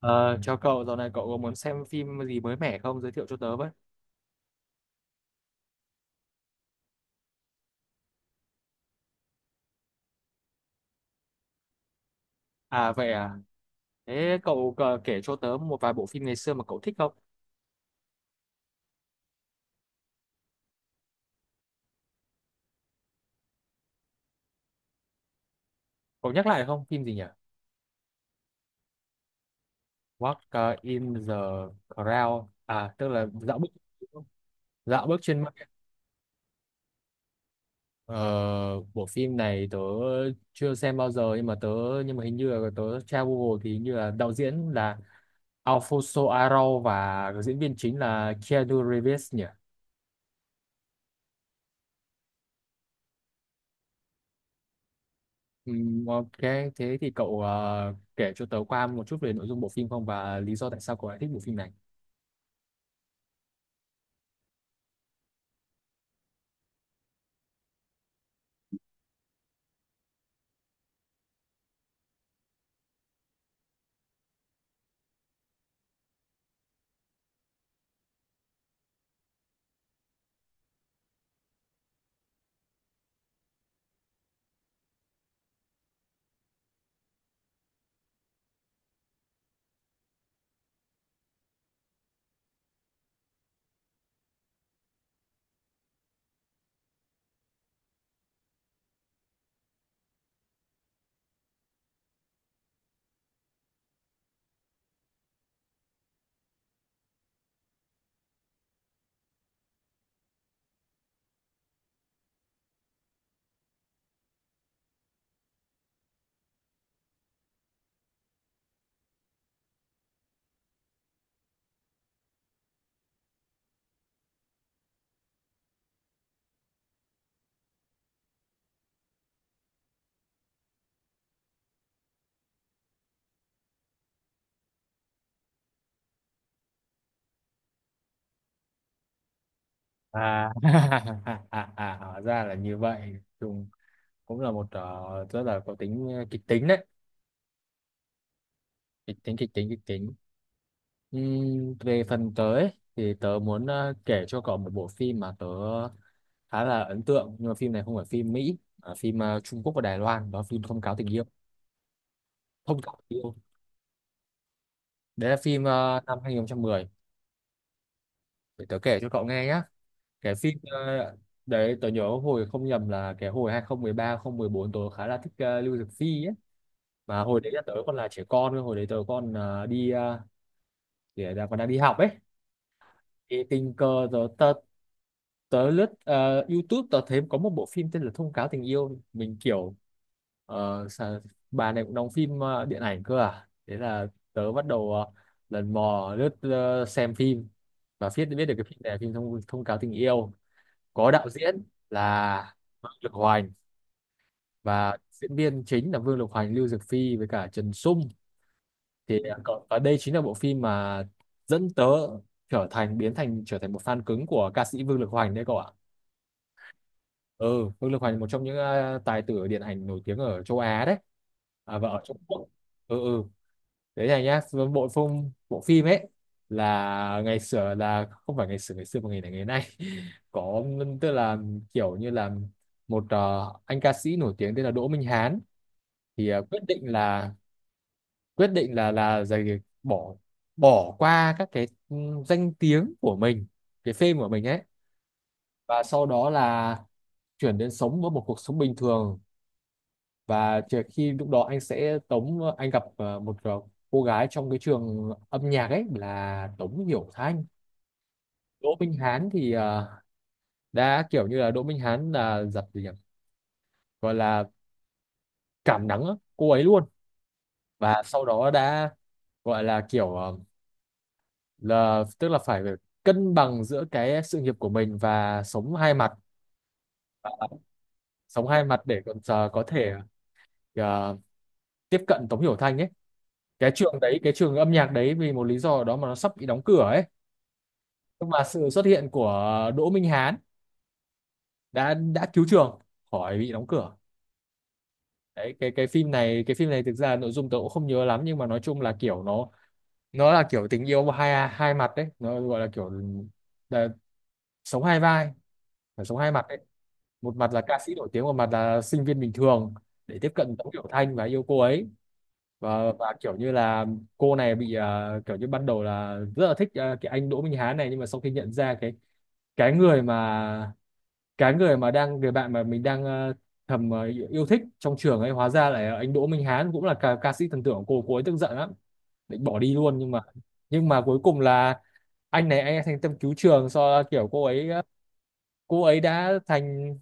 Ờ, chào cậu, dạo này cậu có muốn xem phim gì mới mẻ không? Giới thiệu cho tớ với. À vậy à, thế cậu kể cho tớ một vài bộ phim ngày xưa mà cậu thích không? Cậu nhắc lại không? Phim gì nhỉ? Walk in the Crowd. À, tức là dạo bước trên mây. Ờ, bộ phim này tớ chưa xem bao giờ nhưng mà hình như là tớ tra Google thì hình như là đạo diễn là Alfonso Arau và diễn viên chính là Keanu Reeves nhỉ? Ok, thế thì cậu kể cho tớ qua một chút về nội dung bộ phim không và lý do tại sao cậu lại thích bộ phim này. À, hóa ra là như vậy. Dùng cũng là một rất là có tính kịch tính đấy. Kịch tính, kịch tính, kịch tính. Về phần tớ ấy, thì tớ muốn kể cho cậu một bộ phim mà tớ khá là ấn tượng. Nhưng mà phim này không phải phim Mỹ, mà phim Trung Quốc và Đài Loan. Đó là phim Thông cáo tình yêu. Thông cáo tình yêu. Đấy là phim năm 2010. Để tớ kể cho cậu nghe nhé. Cái phim đấy, tớ nhớ hồi không nhầm là cái hồi 2013 2014 tớ khá là thích Lưu Dực Phi ấy, mà hồi đấy là tớ còn là trẻ con cơ, hồi đấy tớ còn đi để là còn đang đi học ấy, thì tình cờ tớ tớ, tớ lướt YouTube, tớ thấy có một bộ phim tên là Thông Cáo Tình Yêu, mình kiểu ờ, sao- bà này cũng đóng phim điện ảnh cơ à, thế là tớ bắt đầu lần mò lướt xem phim, và biết biết được cái phim này là phim thông thông cáo tình yêu, có đạo diễn là Vương Lực Hoành và diễn viên chính là Vương Lực Hoành, Lưu Dược Phi với cả Trần Sung. Thì và đây chính là bộ phim mà dẫn tớ trở thành một fan cứng của ca sĩ Vương Lực Hoành đấy cậu ạ. Ừ, Vương Lực Hoành một trong những tài tử điện ảnh nổi tiếng ở châu Á đấy, à, và ở Trung Quốc. Ừ ừ, đấy này nhá, bộ phim ấy, là ngày xưa, là không phải ngày xưa, ngày xưa mà ngày này ngày nay có, tức là kiểu như là một anh ca sĩ nổi tiếng tên là Đỗ Minh Hán, thì quyết định là quyết định là giày bỏ, bỏ qua các cái danh tiếng của mình, cái fame của mình ấy, và sau đó là chuyển đến sống với một cuộc sống bình thường, và chỉ- khi lúc đó anh sẽ Tống, anh gặp một cô gái trong cái trường âm nhạc ấy là Tống Hiểu Thanh. Đỗ Minh Hán thì đã kiểu như là Đỗ Minh Hán là giật gì nhỉ, gọi là cảm nắng á, cô ấy luôn, và sau đó đã gọi là kiểu là tức là phải cân bằng giữa cái sự nghiệp của mình và sống hai mặt, sống hai mặt để còn có thể ờ, tiếp cận Tống Hiểu Thanh ấy. Cái trường đấy, cái trường âm nhạc đấy, vì một lý do nào đó mà nó sắp bị đóng cửa ấy, nhưng mà sự xuất hiện của Đỗ Minh Hán đã cứu trường khỏi bị đóng cửa. Đấy, cái phim này, cái phim này thực ra nội dung tớ cũng không nhớ lắm, nhưng mà nói chung là kiểu nó là kiểu tình yêu hai hai mặt đấy, nó gọi là kiểu là sống hai vai, phải sống hai mặt đấy, một mặt là ca sĩ nổi tiếng, một mặt là sinh viên bình thường, để tiếp cận Tống Tiểu Thanh và yêu cô ấy. Và kiểu như là cô này bị kiểu như ban đầu là rất là thích cái anh Đỗ Minh Hán này, nhưng mà sau khi nhận ra cái người mà cái người mà đang, người bạn mà mình đang thầm yêu thích trong trường ấy, hóa ra là anh Đỗ Minh Hán cũng là ca sĩ thần tượng của cô ấy, tức giận lắm, định bỏ đi luôn, nhưng mà cuối cùng là anh ấy thành tâm cứu trường, do kiểu cô ấy, à, cô ấy đã thành,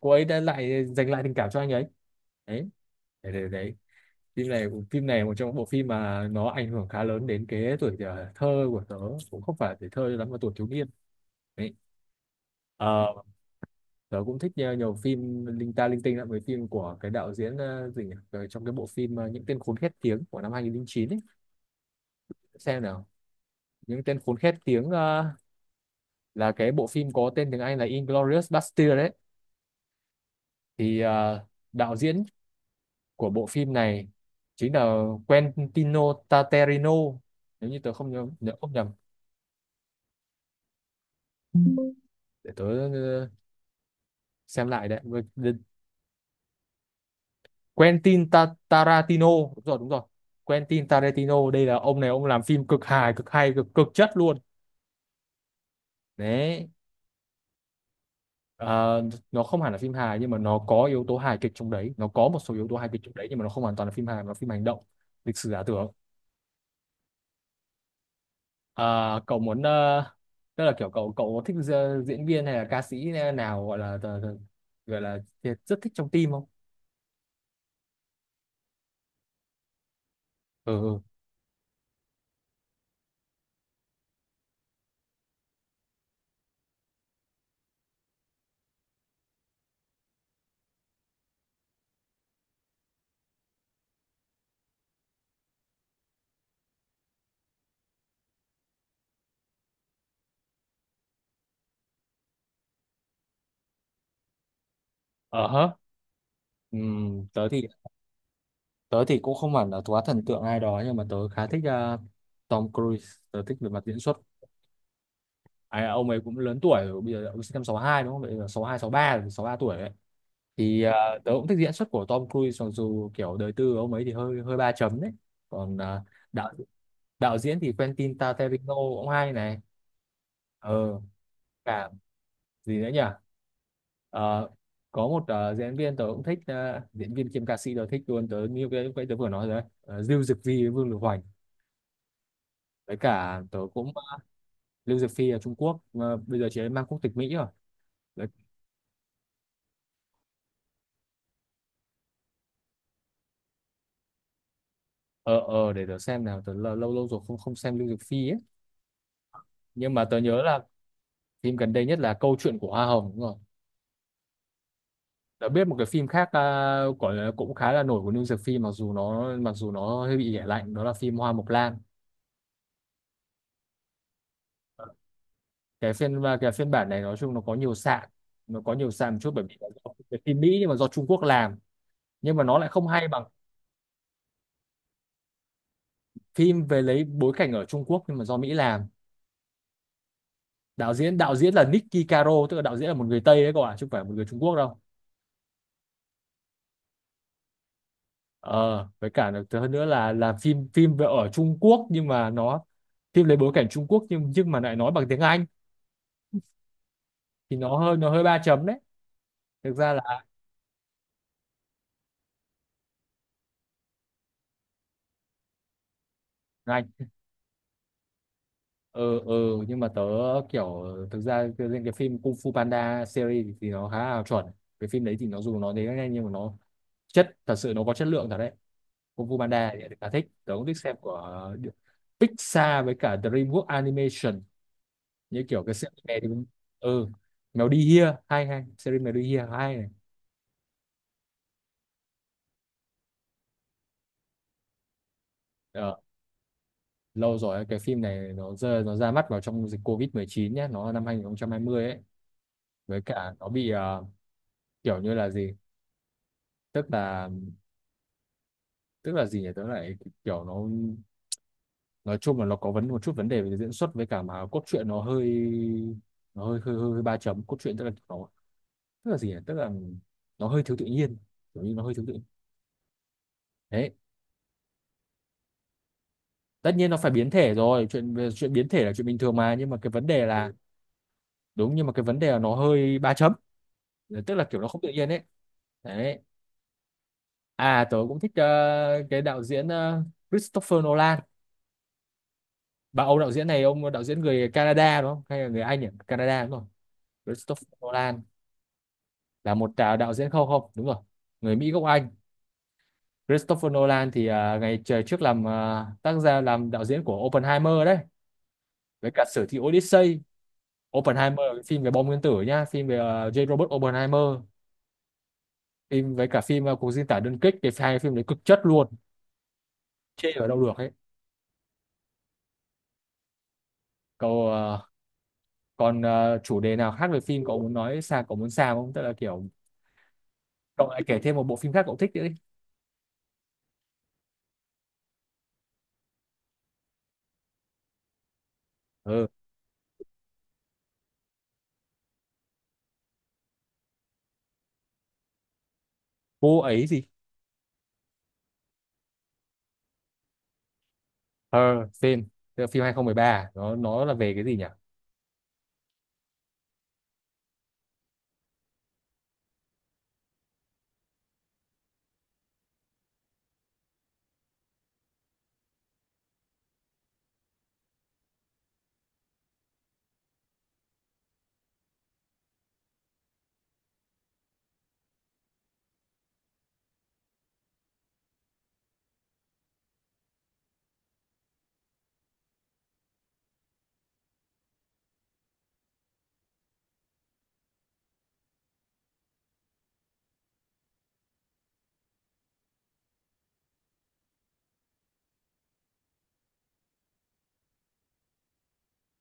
cô ấy đã lại giành lại tình cảm cho anh ấy. Đấy, đấy, đấy, đấy. Phim này, phim này một trong những bộ phim mà nó ảnh hưởng khá lớn đến cái tuổi thơ của tớ, cũng không phải tuổi thơ lắm mà tuổi thiếu niên đấy. Ờ, tớ cũng thích nhiều, nhiều phim linh ta linh tinh lắm, với phim của cái đạo diễn gì nhỉ? Ờ, trong cái bộ phim những tên khốn khét tiếng của năm 2009 ấy, xem nào, những tên khốn khét tiếng là cái bộ phim có tên tiếng Anh là Inglourious Basterds đấy. Thì đạo diễn của bộ phim này chính là Quentino Tarantino nếu như tớ không nhớ nhớ không nhầm, để tớ ờ, xem lại. Đấy. Quentin Tarantino, đúng rồi đúng rồi. Quentin Tarantino, đây là ông này, ông làm phim cực hài, cực hay, cực cực chất luôn. Đấy. Ờ, nó không hẳn là phim hài, nhưng mà nó có yếu tố hài kịch trong đấy, nó có một số yếu tố hài kịch trong đấy, nhưng mà nó không hoàn toàn là phim hài mà là phim hành động, lịch sử giả tưởng. Ờ, cậu muốn tức là kiểu cậu cậu thích diễn viên hay là ca sĩ nào, gọi là gọi là thiệt rất thích trong team không? Ừ ừ. Ờ hớ. Ừm, tớ thì tớ thì cũng không hẳn là quá thần tượng ai đó, nhưng mà tớ khá thích Tom Cruise, tớ thích về mặt diễn xuất. Ai, ông ấy cũng lớn tuổi rồi, bây giờ ông sinh năm sáu hai đúng không? Bây giờ sáu hai sáu ba rồi, sáu ba tuổi đấy. Thì tớ cũng thích diễn xuất của Tom Cruise, mặc dù kiểu đời tư của ông ấy thì hơi hơi ba chấm đấy. Còn đạo đạo diễn thì Quentin Tarantino cũng hay này. Ờ, cả, gì nữa nhỉ. Ờ, có một diễn viên tớ cũng thích diễn viên kiêm ca sĩ tớ thích luôn, tớ như cái tớ vừa nói rồi đấy. Ờ, Lưu Dực Phi với Vương Lực Hoành, với cả tớ cũng Lưu Dực Phi ở Trung Quốc mà bây giờ chị ấy mang quốc tịch Mỹ rồi. Đấy. Ờ ờ, để tớ xem nào, tớ lâu lâu lâu rồi không không xem Lưu Dực Phi ấy, nhưng mà tớ nhớ là phim gần đây nhất là Câu chuyện của Hoa Hồng, đúng rồi. Đã biết một cái phim khác gọi là cũng khá là nổi của New Dược Phim, mặc dù nó, mặc dù nó hơi bị ghẻ lạnh, đó là phim Hoa Mộc Lan. Cái phiên bản này nói chung nó có nhiều sạn, nó có nhiều sạn một chút bởi vì nó do cái phim Mỹ nhưng mà do Trung Quốc làm, nhưng mà nó lại không hay bằng phim về lấy bối cảnh ở Trung Quốc nhưng mà do Mỹ làm. Đạo diễn là Nicky Caro, tức là đạo diễn là một người Tây đấy các bạn, chứ không phải một người Trung Quốc đâu. Ờ với cả là- hơn nữa là phim, phim về ở Trung Quốc nhưng mà nó, phim lấy bối cảnh Trung Quốc nhưng mà lại nói bằng tiếng Anh, thì nó hơi ba chấm đấy, thực ra là. Anh ừ ừ nhưng mà tớ kiểu, thực ra riêng cái phim Kung Fu Panda series thì nó khá là chuẩn, cái phim đấy thì nó dù nó đến nhanh nhưng mà nó chất thật sự nó có chất lượng thật đấy. Kung Fu Panda thì khá thích, tớ cũng thích xem của Pixar với cả DreamWorks Animation, như kiểu cái series này thì cũng- ừ. Mèo đi Here hay, hay series Mèo đi Here hay này. Ờ, lâu rồi, cái phim này nó rơi, nó ra mắt vào trong dịch covid mười chín nhé, nó năm 2020 ấy, với cả nó bị kiểu như là gì, tức là, tức là gì nhỉ tớ lại kiểu nó, nói chung là nó có vấn một chút vấn đề về diễn xuất với cả mà cốt truyện nó hơi, nó hơi ba chấm cốt truyện, tức là nó, tức là gì nhỉ, tức là nó hơi thiếu tự nhiên, kiểu như nó hơi thiếu tự nhiên. Đấy. Tất nhiên nó phải biến thể rồi, chuyện về chuyện biến thể là chuyện bình thường mà, nhưng mà cái vấn đề là đúng, nhưng mà cái vấn đề là nó hơi ba chấm, tức là kiểu nó không tự nhiên ấy. Đấy. À tớ cũng thích cái đạo diễn Christopher Nolan. Ông đạo diễn này, ông đạo diễn người Canada đúng không? Hay là người Anh nhỉ? Canada đúng không? Christopher Nolan là một đạo diễn, không không đúng rồi, người Mỹ gốc Anh. Christopher Nolan thì ngày trời trước làm tác giả làm đạo diễn của Oppenheimer đấy, với cả sử thi Odyssey. Oppenheimer là cái phim về bom nguyên tử nhá, phim về J. Robert Oppenheimer, phim với cả phim cuộc diễn tả đơn kích, cái hai phim đấy cực chất luôn, chê ở đâu được ấy. Cậu còn chủ đề nào khác về phim cậu muốn nói sao, cậu muốn sao không, tức là kiểu cậu lại kể thêm một bộ phim khác cậu thích nữa đi. Ừ, cô ấy gì, Her, phim, tức là phim 2013, nó là về cái gì nhỉ.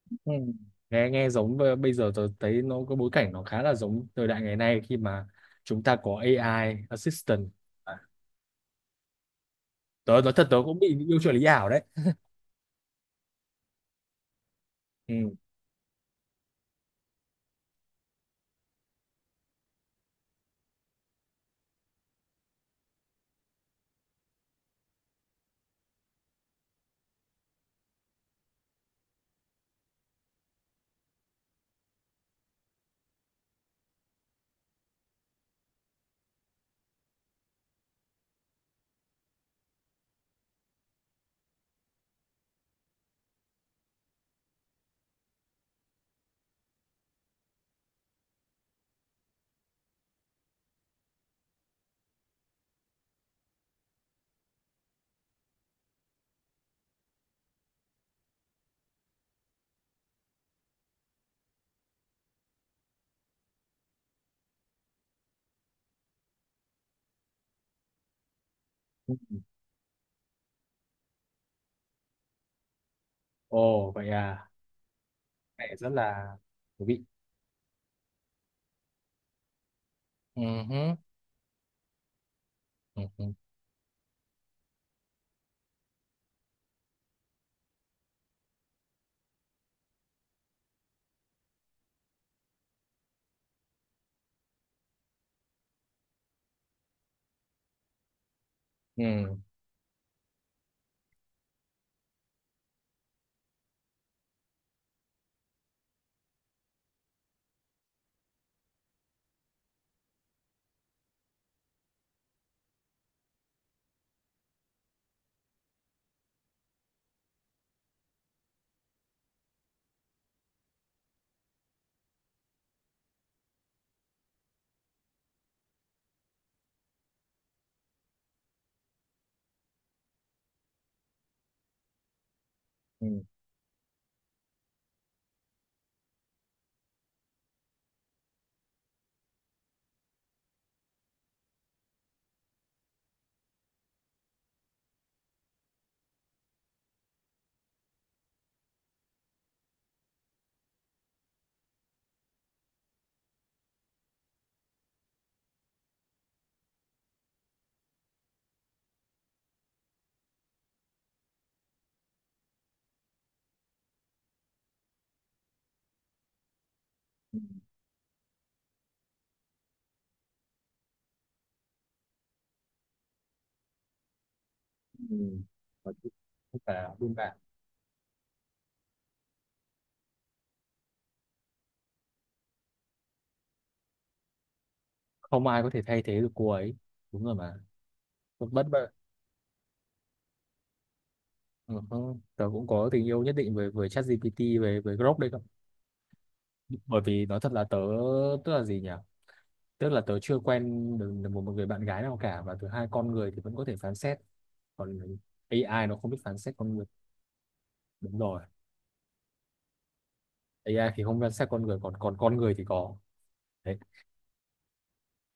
Ừ. Nghe nghe giống bây giờ tôi thấy nó có bối cảnh nó khá là giống thời đại ngày nay, khi mà chúng ta có AI assistant. À, tớ nói thật tớ cũng bị yêu trợ lý ảo đấy. Ừ. Ồ vậy à, mẹ rất là thú vị. Ừ. Hứ, ừ. Hứ, ừ. Ừ, ừ, ừ. Nói chung, không phải là đúng bạn, không ai có thể thay thế được cô ấy, đúng rồi mà, bất bất bất ừ. Hứ. Tớ cũng có tình yêu nhất định với ChatGPT về với Grok đây, bởi vì nói thật là tớ, tức là gì nhỉ, tức là tớ chưa quen được được một một người bạn gái nào cả, và thứ hai con người thì vẫn có thể phán xét, còn AI nó không biết phán xét con người, đúng rồi, AI thì không phán xét con người, còn còn con người thì có. Đấy.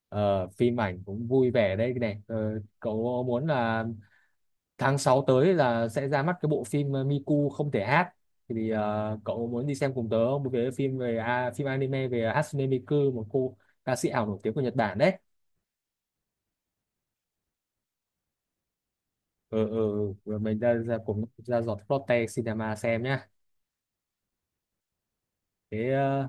Ờ, phim ảnh cũng vui vẻ đây này. Ờ, cậu muốn là tháng 6 tới là sẽ ra mắt cái bộ phim Miku không thể hát, thì cậu muốn đi xem cùng tớ không? Một cái phim về phim anime về Hatsune Miku, một cô ca sĩ ảo nổi tiếng của Nhật Bản đấy. Ừ, ừ, ừ. Rồi mình ra ra cùng ra giọt Lotte Cinema xem nhá. Thế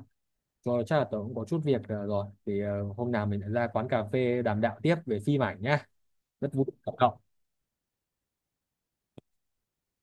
rồi chắc là tớ cũng có chút việc rồi thì hôm nào mình lại ra quán cà phê đàm đạo tiếp về phim ảnh nhá. Rất vui, Cảm ơn cậu.